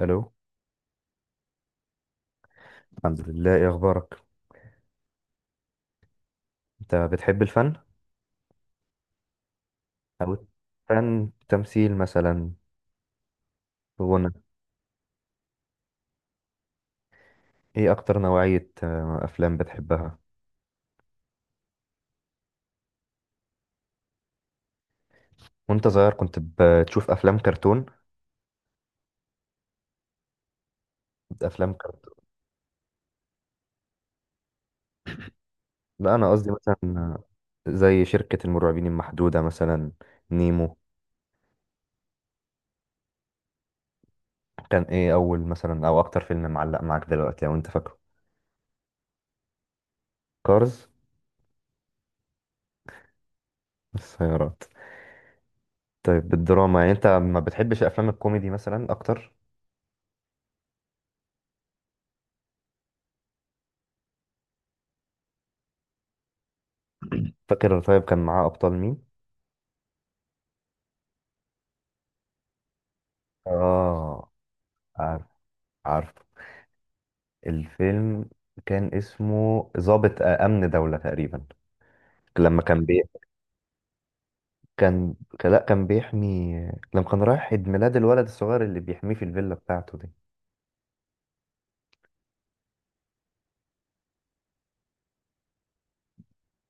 الو. الحمد لله، ايه اخبارك؟ انت بتحب الفن؟ او فن تمثيل مثلا. غنى. ايه اكتر نوعية افلام بتحبها؟ وانت صغير كنت بتشوف افلام كرتون؟ افلام كرتون. لا انا قصدي مثلا، زي شركة المرعبين المحدودة مثلا. نيمو. كان ايه اول مثلا او اكتر فيلم معلق معاك دلوقتي لو انت فاكره؟ كارز. السيارات. طيب، بالدراما يعني انت ما بتحبش افلام الكوميدي مثلا اكتر؟ فاكر؟ طيب كان معاه ابطال مين؟ اه. عارفه. الفيلم كان اسمه ضابط أمن دولة تقريبا. لما كان بي... كان لا كان بيحمي. لما كان رايح عيد ميلاد الولد الصغير اللي بيحميه في الفيلا بتاعته دي.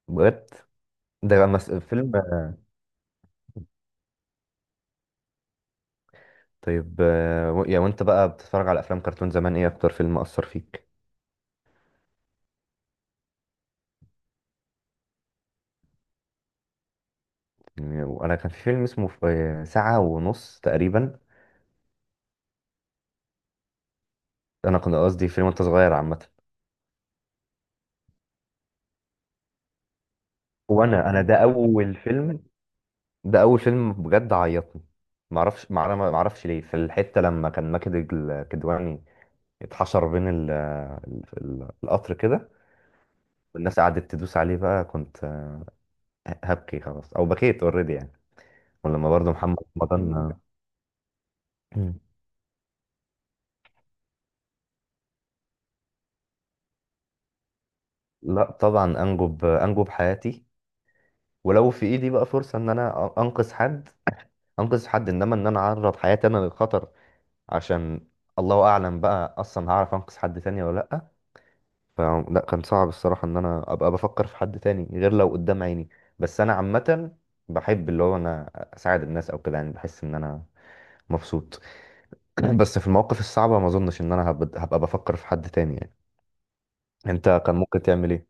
بجد. فيلم. طيب، آه، و... يا وانت بقى بتتفرج على افلام كرتون زمان، ايه اكتر فيلم اثر فيك؟ يعني وانا كان في فيلم اسمه ساعة ونص تقريبا. انا كنت قصدي فيلم وانت صغير عامة. وانا ده اول فيلم. ده اول فيلم بجد عيطني. معرفش ليه، في الحته لما كان ماجد الكدواني اتحشر بين ال القطر كده، والناس قعدت تدوس عليه بقى، كنت هبكي خلاص، او بكيت اوريدي يعني. ولما برضه محمد رمضان. مم. لا طبعا، انجب انجب حياتي. ولو في ايدي بقى فرصه ان انا انقذ حد، انقذ حد. انما ان انا اعرض حياتي انا للخطر عشان... الله اعلم بقى اصلا هعرف انقذ حد تاني ولا لا. ف... لا كان صعب الصراحة ان انا ابقى بفكر في حد تاني غير لو قدام عيني. بس انا عامة بحب اللي هو انا اساعد الناس او كده يعني، بحس ان انا مبسوط. بس في المواقف الصعبة ما اظنش ان انا هبقى بفكر في حد تاني يعني. انت كان ممكن تعمل ايه؟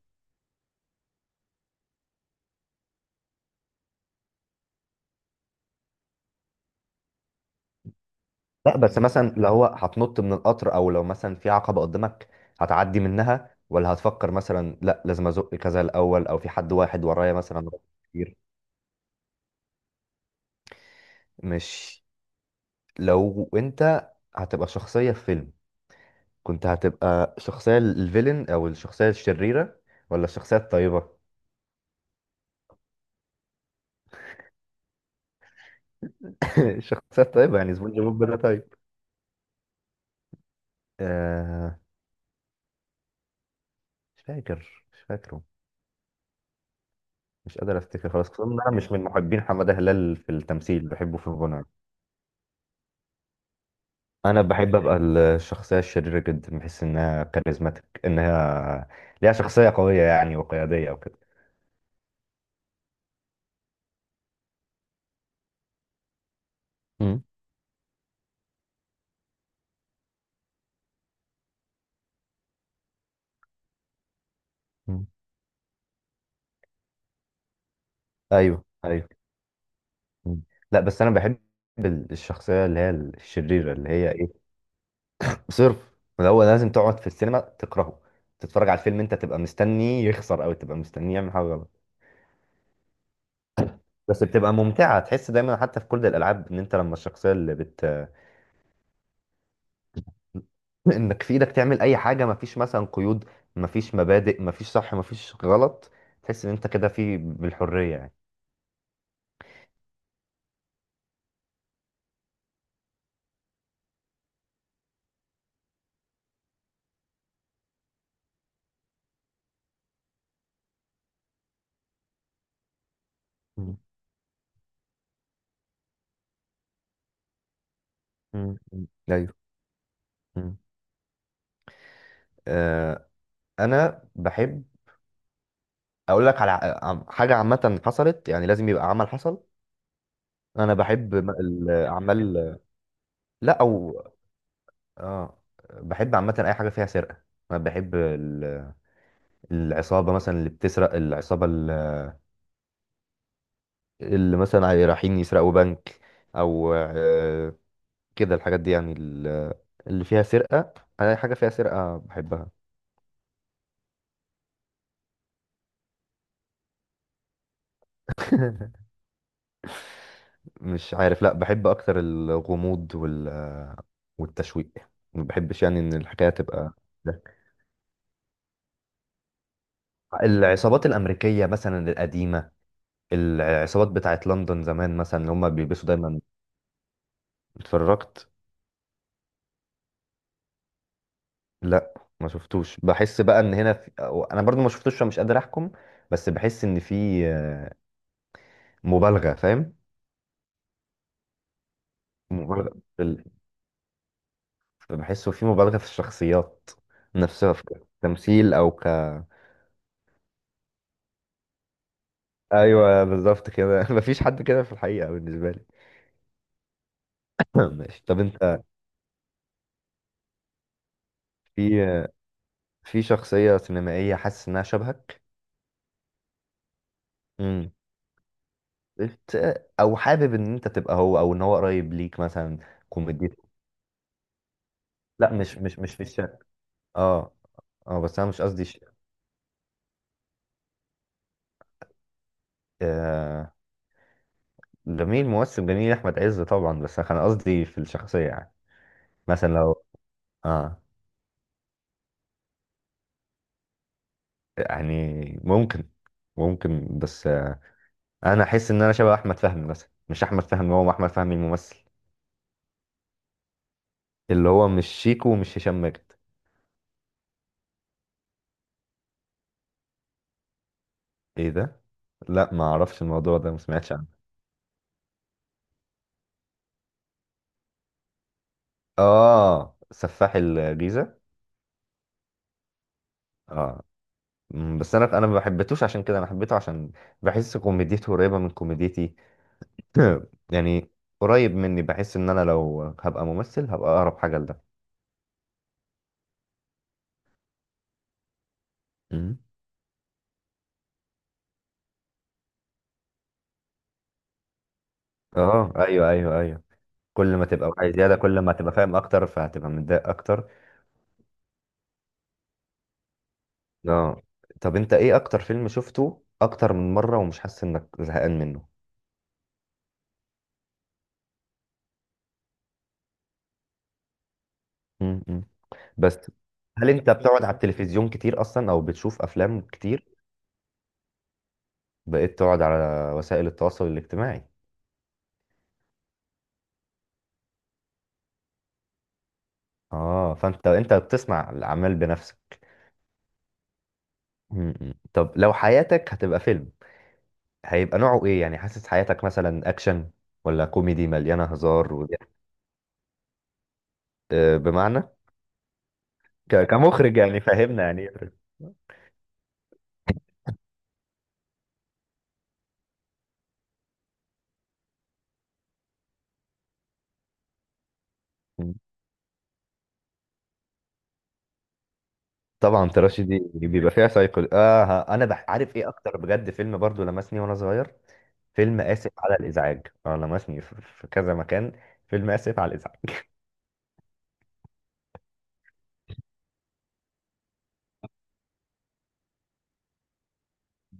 لا بس مثلا لو هو هتنط من القطر، او لو مثلا في عقبة قدامك، هتعدي منها ولا هتفكر مثلا لا لازم ازق كذا الاول، او في حد واحد ورايا مثلا. كتير. مش لو انت هتبقى شخصية في فيلم، كنت هتبقى الشخصية الفيلن أو الشخصية الشريرة، ولا الشخصية الطيبة؟ الشخصية الطيبة يعني سبونج بوب ده طيب. آه. مش فاكر مش فاكره. مش قادر أفتكر خلاص، خصوصا إن أنا مش من محبين حمادة هلال في التمثيل، بحبه في الغنى. أنا بحب أبقى الشخصية الشريرة جدا، بحس إنها كاريزماتيك، إنها ليها شخصية قوية يعني وقيادية وكده. مم. مم. أيوه أيوه. مم. لا بس أنا بحب الشخصية اللي هي الشريرة، اللي هي صرف. هو لازم تقعد في السينما تكرهه، تتفرج على الفيلم انت تبقى مستني يخسر او تبقى مستني يعمل حاجه غلط. بس بتبقى ممتعه، تحس دايما حتى في كل الالعاب ان انت لما الشخصيه اللي بت انك في ايدك تعمل اي حاجه، مفيش مثلا قيود، مفيش مبادئ، مفيش صح مفيش غلط. تحس ان انت كده في بالحريه يعني. مم. مم. مم. ايوه. مم. آه. انا بحب اقول لك على حاجه عامه حصلت يعني، لازم يبقى عمل حصل. انا بحب الاعمال. لا او اه. بحب عامة أي حاجة فيها سرقة. أنا بحب العصابة مثلا اللي بتسرق، العصابة اللي مثلا رايحين يسرقوا بنك، أو كده الحاجات دي يعني، اللي فيها سرقة. أنا أي حاجة فيها سرقة بحبها. مش عارف، لا بحب أكتر الغموض والتشويق. ما بحبش يعني إن الحكاية تبقى ده. العصابات الأمريكية مثلا القديمة، العصابات بتاعت لندن زمان مثلا اللي هما بيلبسوا دايما. اتفرجت. لا ما شفتوش، بحس بقى ان هنا في... انا برضو ما شفتوش فمش قادر احكم. بس بحس ان في مبالغه، فاهم؟ مبالغه في ال... بحسه في مبالغه في الشخصيات نفسها في التمثيل او ك ايوه بالظبط كده. مفيش حد كده في الحقيقه بالنسبه لي. ماشي. طب انت، في في شخصيه سينمائيه حاسس انها شبهك؟ امم بت... او حابب ان انت تبقى هو، او ان هو قريب ليك مثلا؟ كوميدي. لا مش في الشارع. اه. اه بس انا مش قصدي. آه. جميل، ممثل جميل احمد عز طبعا، بس انا قصدي في الشخصيه يعني. مثلا لو... اه. يعني ممكن. ممكن بس انا احس ان انا شبه احمد فهمي مثلا، مش احمد فهمي، هو احمد فهمي الممثل، اللي هو مش شيكو ومش هشام ماجد. ايه ده؟ لا ما اعرفش الموضوع ده، ما سمعتش عنه. اه سفاح الجيزه. اه. بس انا ما حبيتوش عشان كده. انا حبيته عشان بحس كوميديته قريبه من كوميديتي. يعني قريب مني، بحس ان انا لو هبقى ممثل هبقى اقرب حاجه لده. مم. اه ايوه ايوه ايوه. كل ما تبقى واعي زياده، كل ما هتبقى فاهم اكتر فهتبقى متضايق اكتر. اه. طب انت، ايه اكتر فيلم شفته اكتر من مره ومش حاسس انك زهقان منه؟ مم. مم. بس. هل انت بتقعد على التلفزيون كتير اصلا، او بتشوف افلام كتير؟ بقيت تقعد على وسائل التواصل الاجتماعي. اه، فانت انت بتسمع الاعمال بنفسك. مم. مم. طب لو حياتك هتبقى فيلم، هيبقى نوعه ايه يعني؟ حاسس حياتك مثلا اكشن، ولا كوميدي مليانه هزار وضحك؟ بمعنى. كمخرج يعني فاهمنا يعني. مم. طبعا تراشي دي، بيبقى فيها سايكل. اه ها، انا عارف ايه اكتر بجد فيلم برضو لمسني وانا صغير؟ فيلم اسف على الازعاج. اه لمسني في كذا مكان. فيلم اسف على الازعاج.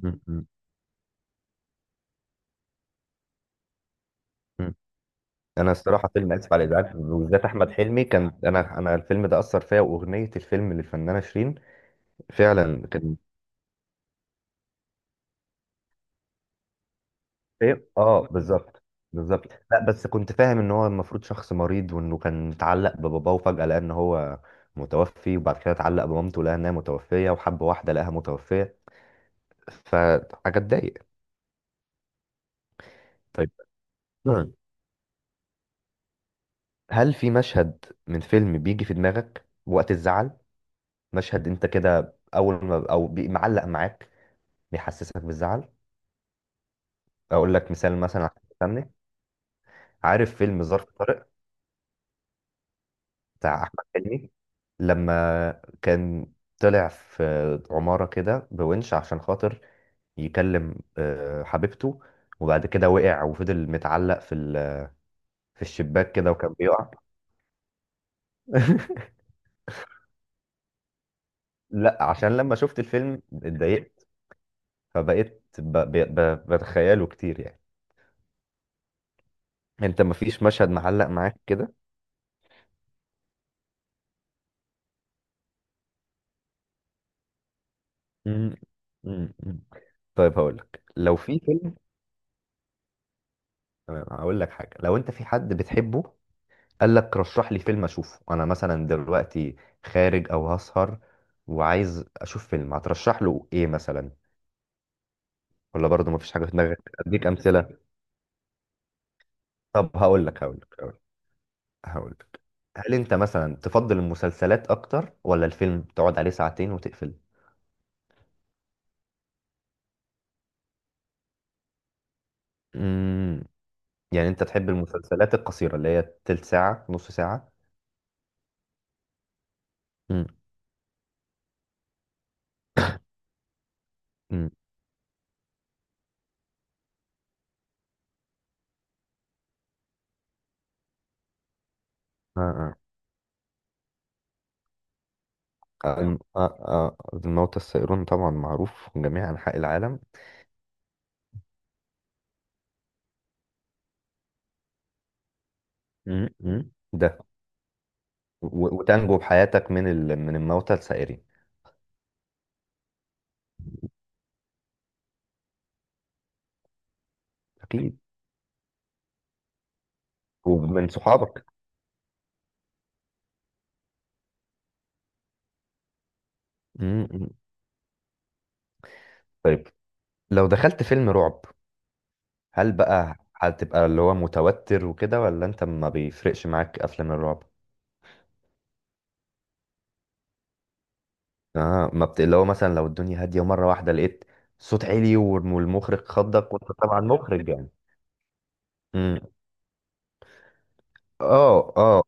م- م- م. انا الصراحه فيلم اسف على الازعاج، وبالذات احمد حلمي. كان انا الفيلم ده اثر فيا، واغنيه الفيلم للفنانه شيرين. فعلا كان... ايه، بالظبط. بالظبط بالظبط. لا بس كنت فاهم ان هو المفروض شخص مريض، وانه كان متعلق بباباه وفجأة لقى ان هو متوفي، وبعد كده اتعلق بمامته لقى انها متوفية، وحب واحدة لقاها متوفية. فحاجة تضايق. طيب. نعم. هل في مشهد من فيلم بيجي في دماغك وقت الزعل؟ مشهد انت كده اول ما معلق معاك بيحسسك بالزعل؟ اقول لك مثال مثلا عشان تفهمني. عارف فيلم ظرف طارق بتاع احمد حلمي؟ لما كان طلع في عماره كده بونش عشان خاطر يكلم حبيبته، وبعد كده وقع وفضل متعلق في في الشباك كده وكان بيقع. لا عشان لما شفت الفيلم اتضايقت، فبقيت بتخيله كتير يعني. انت مفيش مشهد معلق معاك كده؟ مم. مم. مم. طيب هقول لك. لو في فيلم... تمام هقول لك حاجه، لو انت في حد بتحبه قال لك رشح لي فيلم اشوفه، انا مثلا دلوقتي خارج او هسهر وعايز اشوف فيلم، هترشح له ايه مثلا؟ ولا برضه مفيش حاجه في دماغك؟ اديك امثله. طب هقول لك. هل انت مثلا تفضل المسلسلات اكتر، ولا الفيلم تقعد عليه ساعتين وتقفل؟ امم يعني انت تحب المسلسلات القصيره اللي هي تلت ساعه نص ساعه؟ امم. امم. آه آه. الموتى السائرون طبعا معروف في جميع أنحاء العالم. امم. أمم. ده. وتنجو بحياتك من من الموتى السائرين. اكيد، ومن صحابك. م. طيب، لو دخلت فيلم رعب، هل بقى هتبقى اللي هو متوتر وكده، ولا انت ما بيفرقش معاك افلام الرعب؟ اه ما بت... اللي هو مثلا لو الدنيا هاديه ومره واحده لقيت صوت عالي والمخرج خضك، وانت طبعا مخرج يعني. امم. اه اه.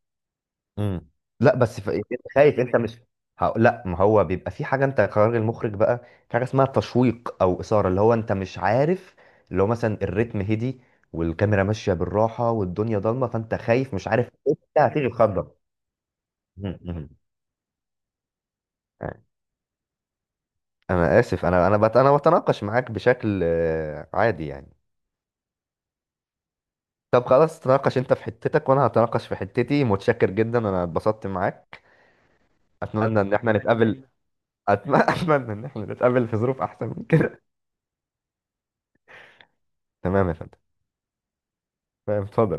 امم. لا بس يعني انت خايف، انت مش... لا ما هو بيبقى في حاجه، انت قرار المخرج بقى، في حاجه اسمها تشويق او اثاره اللي هو انت مش عارف. اللي هو مثلا الريتم هدي والكاميرا ماشيه بالراحه والدنيا ضلمه، فانت خايف مش عارف إيه، انت هتيجي تخضم. امم. انا اسف، انا بتناقش معاك بشكل عادي يعني. طب خلاص، تناقش انت في حتتك وانا هتناقش في حتتي. متشكر جدا، انا اتبسطت معاك. اتمنى ان احنا نتقابل. اتمنى ان احنا نتقابل في ظروف احسن من كده. تمام يا فندم. تمام اتفضل.